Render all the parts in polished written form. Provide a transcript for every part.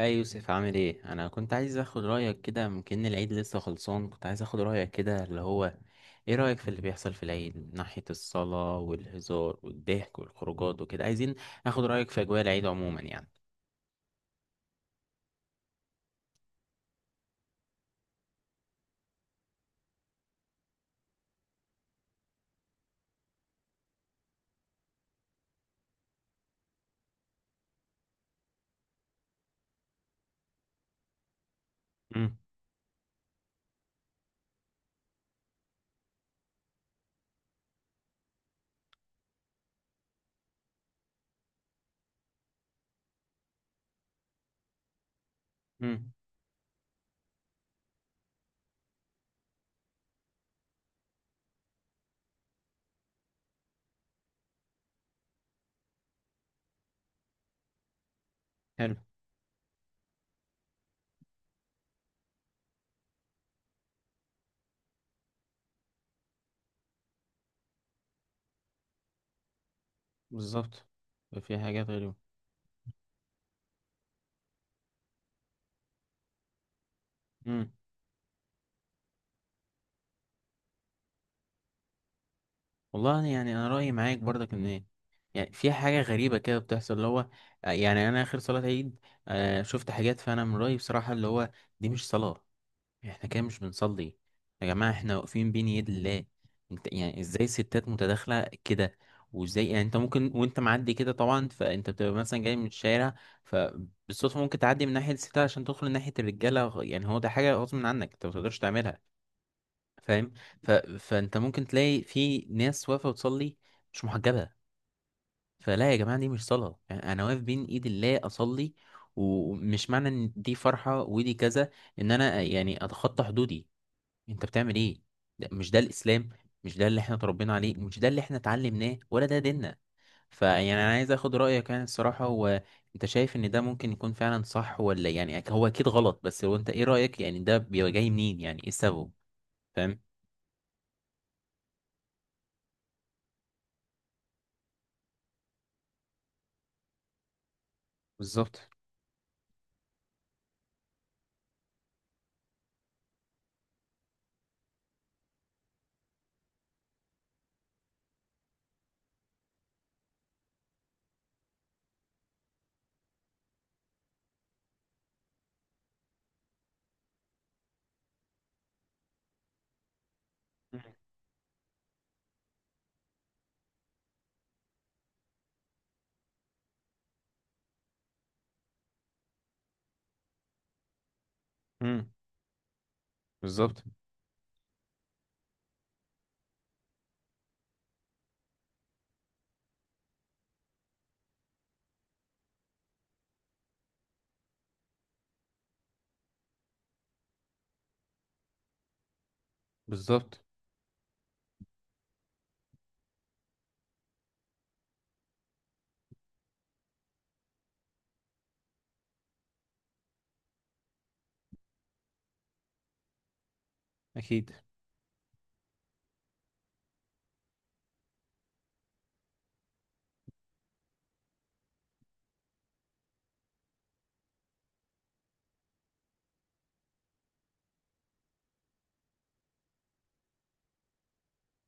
اي يوسف، عامل ايه؟ انا كنت عايز اخد رايك كده. ممكن العيد لسه خلصان. كنت عايز اخد رايك كده، اللي هو ايه رايك في اللي بيحصل في العيد من ناحيه الصلاه والهزار والضحك والخروجات وكده. عايزين اخد رايك في اجواء العيد عموما يعني. امم. امم. حلو. بالظبط. في حاجات غريبه. امم. والله يعني انا رايي معاك برضك، ان إيه؟ يعني في حاجه غريبه كده بتحصل، اللي هو يعني انا اخر صلاه عيد شفت حاجات، فانا من رايي بصراحه اللي هو دي مش صلاه. يعني احنا كده مش بنصلي. يا جماعة، احنا واقفين بين يد الله. انت يعني ازاي الستات متداخلة كده؟ وازاي يعني انت ممكن وانت معدي كده طبعا، فانت بتبقى مثلا جاي من الشارع، فبالصدفة ممكن تعدي من ناحية الستات عشان تدخل ناحية الرجالة. يعني هو ده حاجة غصب عنك، انت متقدرش تعملها. فاهم؟ ف... فانت ممكن تلاقي في ناس واقفة بتصلي مش محجبة. فلا يا جماعة، دي مش صلاة. يعني انا واقف بين ايد الله اصلي. ومش معنى ان دي فرحة ودي كذا، ان انا يعني اتخطى حدودي. انت بتعمل ايه؟ ده مش ده الاسلام. مش ده اللي احنا اتربينا عليه، مش ده اللي احنا اتعلمناه، ولا ده ديننا. فيعني انا عايز اخد رايك يعني الصراحه، هو انت شايف ان ده ممكن يكون فعلا صح، ولا يعني هو اكيد غلط؟ بس هو انت ايه رايك؟ يعني ده بيبقى جاي منين؟ يعني ايه السبب؟ فاهم؟ بالظبط. امم. بالظبط. بالظبط. اكيد.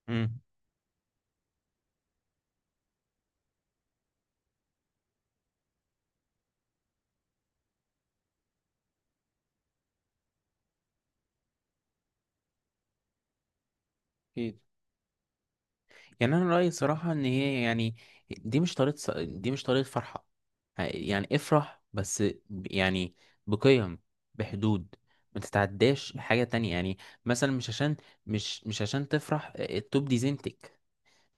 امم. اكيد. يعني انا رايي صراحه ان هي يعني دي مش طريقه فرحه. يعني افرح، بس يعني بقيم، بحدود، ما تتعداش حاجه تانية يعني. مثلا مش عشان مش عشان تفرح التوب دي زينتك.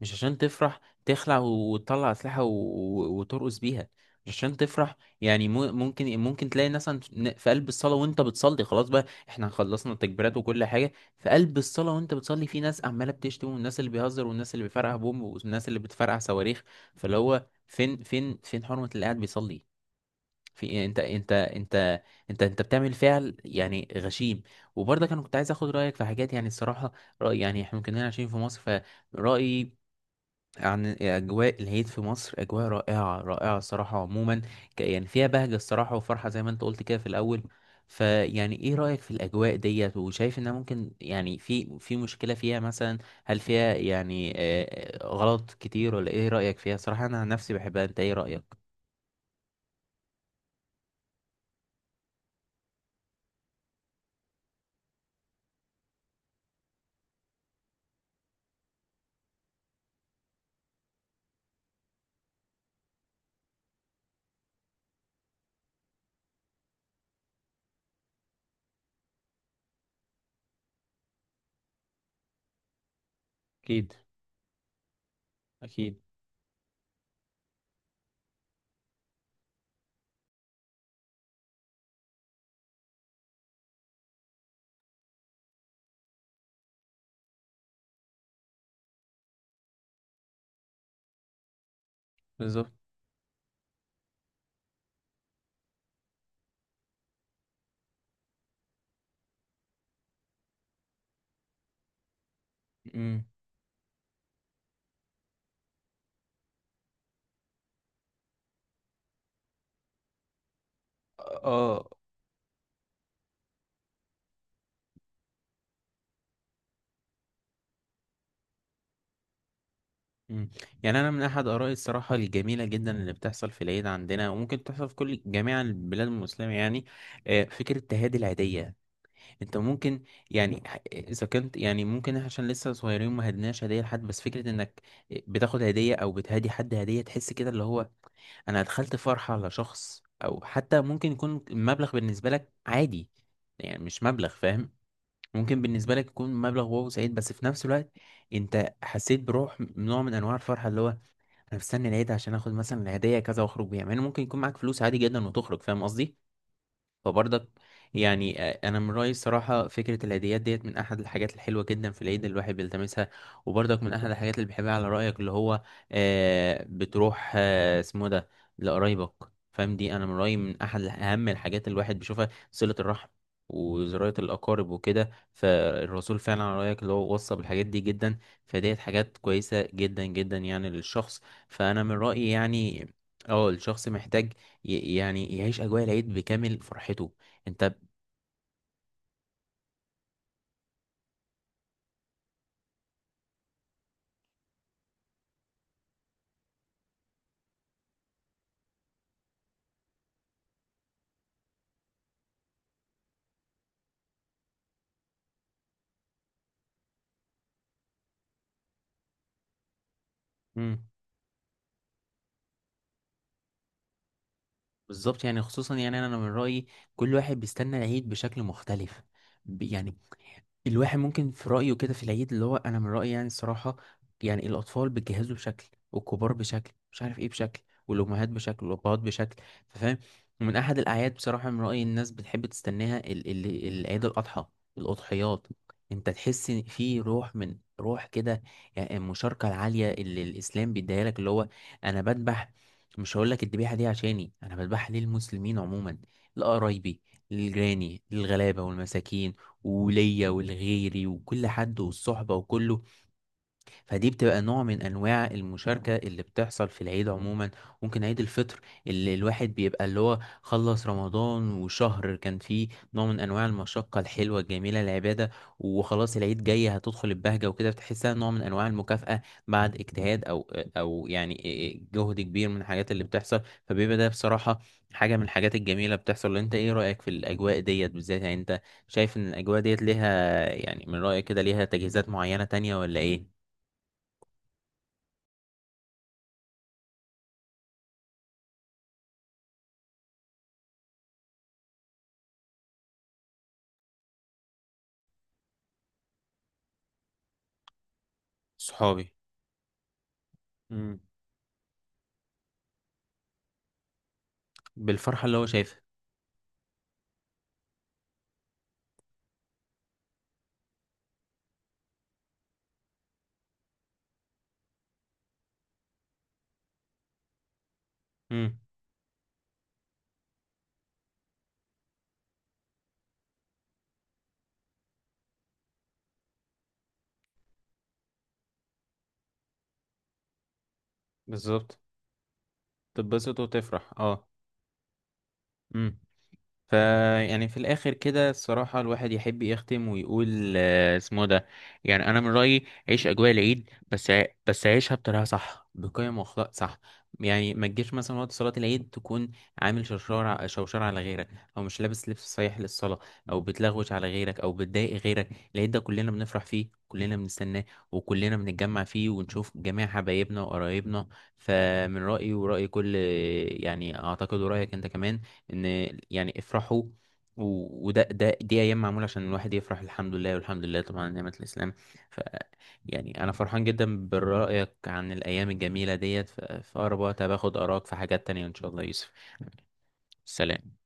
مش عشان تفرح تخلع وتطلع أسلحة وترقص بيها. مش عشان تفرح. يعني ممكن تلاقي ناس في قلب الصلاة وانت بتصلي، خلاص بقى احنا خلصنا التكبيرات وكل حاجة. في قلب الصلاة وانت بتصلي، في ناس عمالة بتشتم، والناس اللي بيهزر، والناس اللي بيفرقع بوم، والناس اللي بتفرقع صواريخ. فاللي هو فين فين فين حرمة اللي قاعد بيصلي؟ في إيه؟ انت بتعمل فعل يعني غشيم. وبرضه انا كنت عايز اخد رايك في حاجات، يعني الصراحه راي، يعني احنا كنا عايشين في مصر، رأيي عن اجواء العيد في مصر اجواء رائعه رائعه الصراحه عموما. يعني فيها بهجه الصراحه وفرحه، زي ما انت قلت كده في الاول. فيعني ايه رايك في الاجواء ديت؟ وشايف انها ممكن يعني في مشكله فيها مثلا؟ هل فيها يعني غلط كتير، ولا ايه رايك فيها صراحه؟ انا عن نفسي بحبها، انت ايه رايك؟ اكيد. اكيد. بالظبط. امم. اه. مم. يعني انا من احد ارائي الصراحه الجميله جدا اللي بتحصل في العيد عندنا، وممكن تحصل في كل جميع البلاد المسلمه يعني، فكره التهادي العيديه. انت ممكن يعني اذا كنت يعني ممكن، إحنا عشان لسه صغيرين ما هدناش هديه لحد، بس فكره انك بتاخد هديه او بتهادي حد هديه، تحس كده اللي هو انا دخلت فرحة على شخص. او حتى ممكن يكون المبلغ بالنسبة لك عادي، يعني مش مبلغ، فاهم؟ ممكن بالنسبة لك يكون مبلغ واو سعيد، بس في نفس الوقت انت حسيت بروح نوع من انواع الفرحة، اللي هو انا مستني العيد عشان اخد مثلا الهديه كذا واخرج بيها، مع ان ممكن يكون معاك فلوس عادي جدا وتخرج، فاهم قصدي؟ فبرضك يعني انا من رايي الصراحه فكره الهديات ديت من احد الحاجات الحلوه جدا في العيد، اللي الواحد بيلتمسها. وبرضك من احد الحاجات اللي بحبها على رايك، اللي هو بتروح اسمه إيه ده، لقرايبك. فاهم؟ دي انا من رايي من احد اهم الحاجات اللي الواحد بيشوفها، صله الرحم وزراعة الأقارب وكده. فالرسول فعلا على رأيك اللي هو وصى بالحاجات دي جدا. فديت حاجات كويسة جدا جدا يعني للشخص. فأنا من رأيي يعني اه الشخص محتاج يعني يعيش أجواء العيد بكامل فرحته. أنت. مم. بالظبط، يعني خصوصا يعني أنا من رأيي كل واحد بيستنى العيد بشكل مختلف. يعني الواحد ممكن في رأيه كده في العيد، اللي هو أنا من رأيي يعني الصراحة، يعني الأطفال بتجهزوا بشكل، والكبار بشكل مش عارف إيه، بشكل، والأمهات بشكل، والأبهات بشكل. فاهم؟ ومن أحد الأعياد بصراحة من رأيي الناس بتحب تستناها ال ال العيد الأضحى، الأضحيات. أنت تحس إن في روح من روح كده. يعني المشاركة العالية اللي الإسلام بيديها لك، اللي هو أنا بذبح، مش هقول لك الذبيحة دي عشاني، أنا بذبحها للمسلمين عموما، لقرايبي، لجيراني، للغلابة والمساكين، وليا ولغيري وكل حد والصحبة وكله. فدي بتبقى نوع من انواع المشاركه اللي بتحصل في العيد عموما. ممكن عيد الفطر، اللي الواحد بيبقى اللي هو خلص رمضان، وشهر كان فيه نوع من انواع المشقه الحلوه الجميله، العباده، وخلاص العيد جاي هتدخل البهجه وكده، بتحسها نوع من انواع المكافاه بعد اجتهاد، او يعني إيه، جهد كبير من الحاجات اللي بتحصل. فبيبقى ده بصراحه حاجه من الحاجات الجميله بتحصل. انت ايه رايك في الاجواء ديت بالذات؟ يعني انت شايف ان الاجواء ديت ليها، يعني من رايك كده ليها تجهيزات معينه تانية ولا ايه؟ صحابي. امم. بالفرحة اللي هو شايفها. امم. بالظبط. تتبسط وتفرح، اه. امم. فيعني في الاخر كده الصراحه الواحد يحب يختم ويقول اسمه ده، يعني انا من رايي عيش اجواء العيد، بس عيشها بطريقه صح، بقيم واخلاق صح. يعني ما تجيش مثلا وقت صلاه العيد تكون عامل شرشار، شوشره على غيرك، او مش لابس لبس صحيح للصلاه، او بتلغوش على غيرك، او بتضايق غيرك. العيد ده كلنا بنفرح فيه، كلنا بنستناه، وكلنا بنتجمع فيه ونشوف جميع حبايبنا وقرايبنا. فمن رايي وراي كل، يعني اعتقد ورايك انت كمان، ان يعني افرحوا. و- وده ده دي ايام معموله عشان الواحد يفرح. الحمد لله، والحمد لله طبعا على نعمه الاسلام. ف يعني انا فرحان جدا برايك عن الايام الجميله ديت. في اقرب وقت باخد اراك في حاجات تانية ان شاء الله يا يوسف. سلام.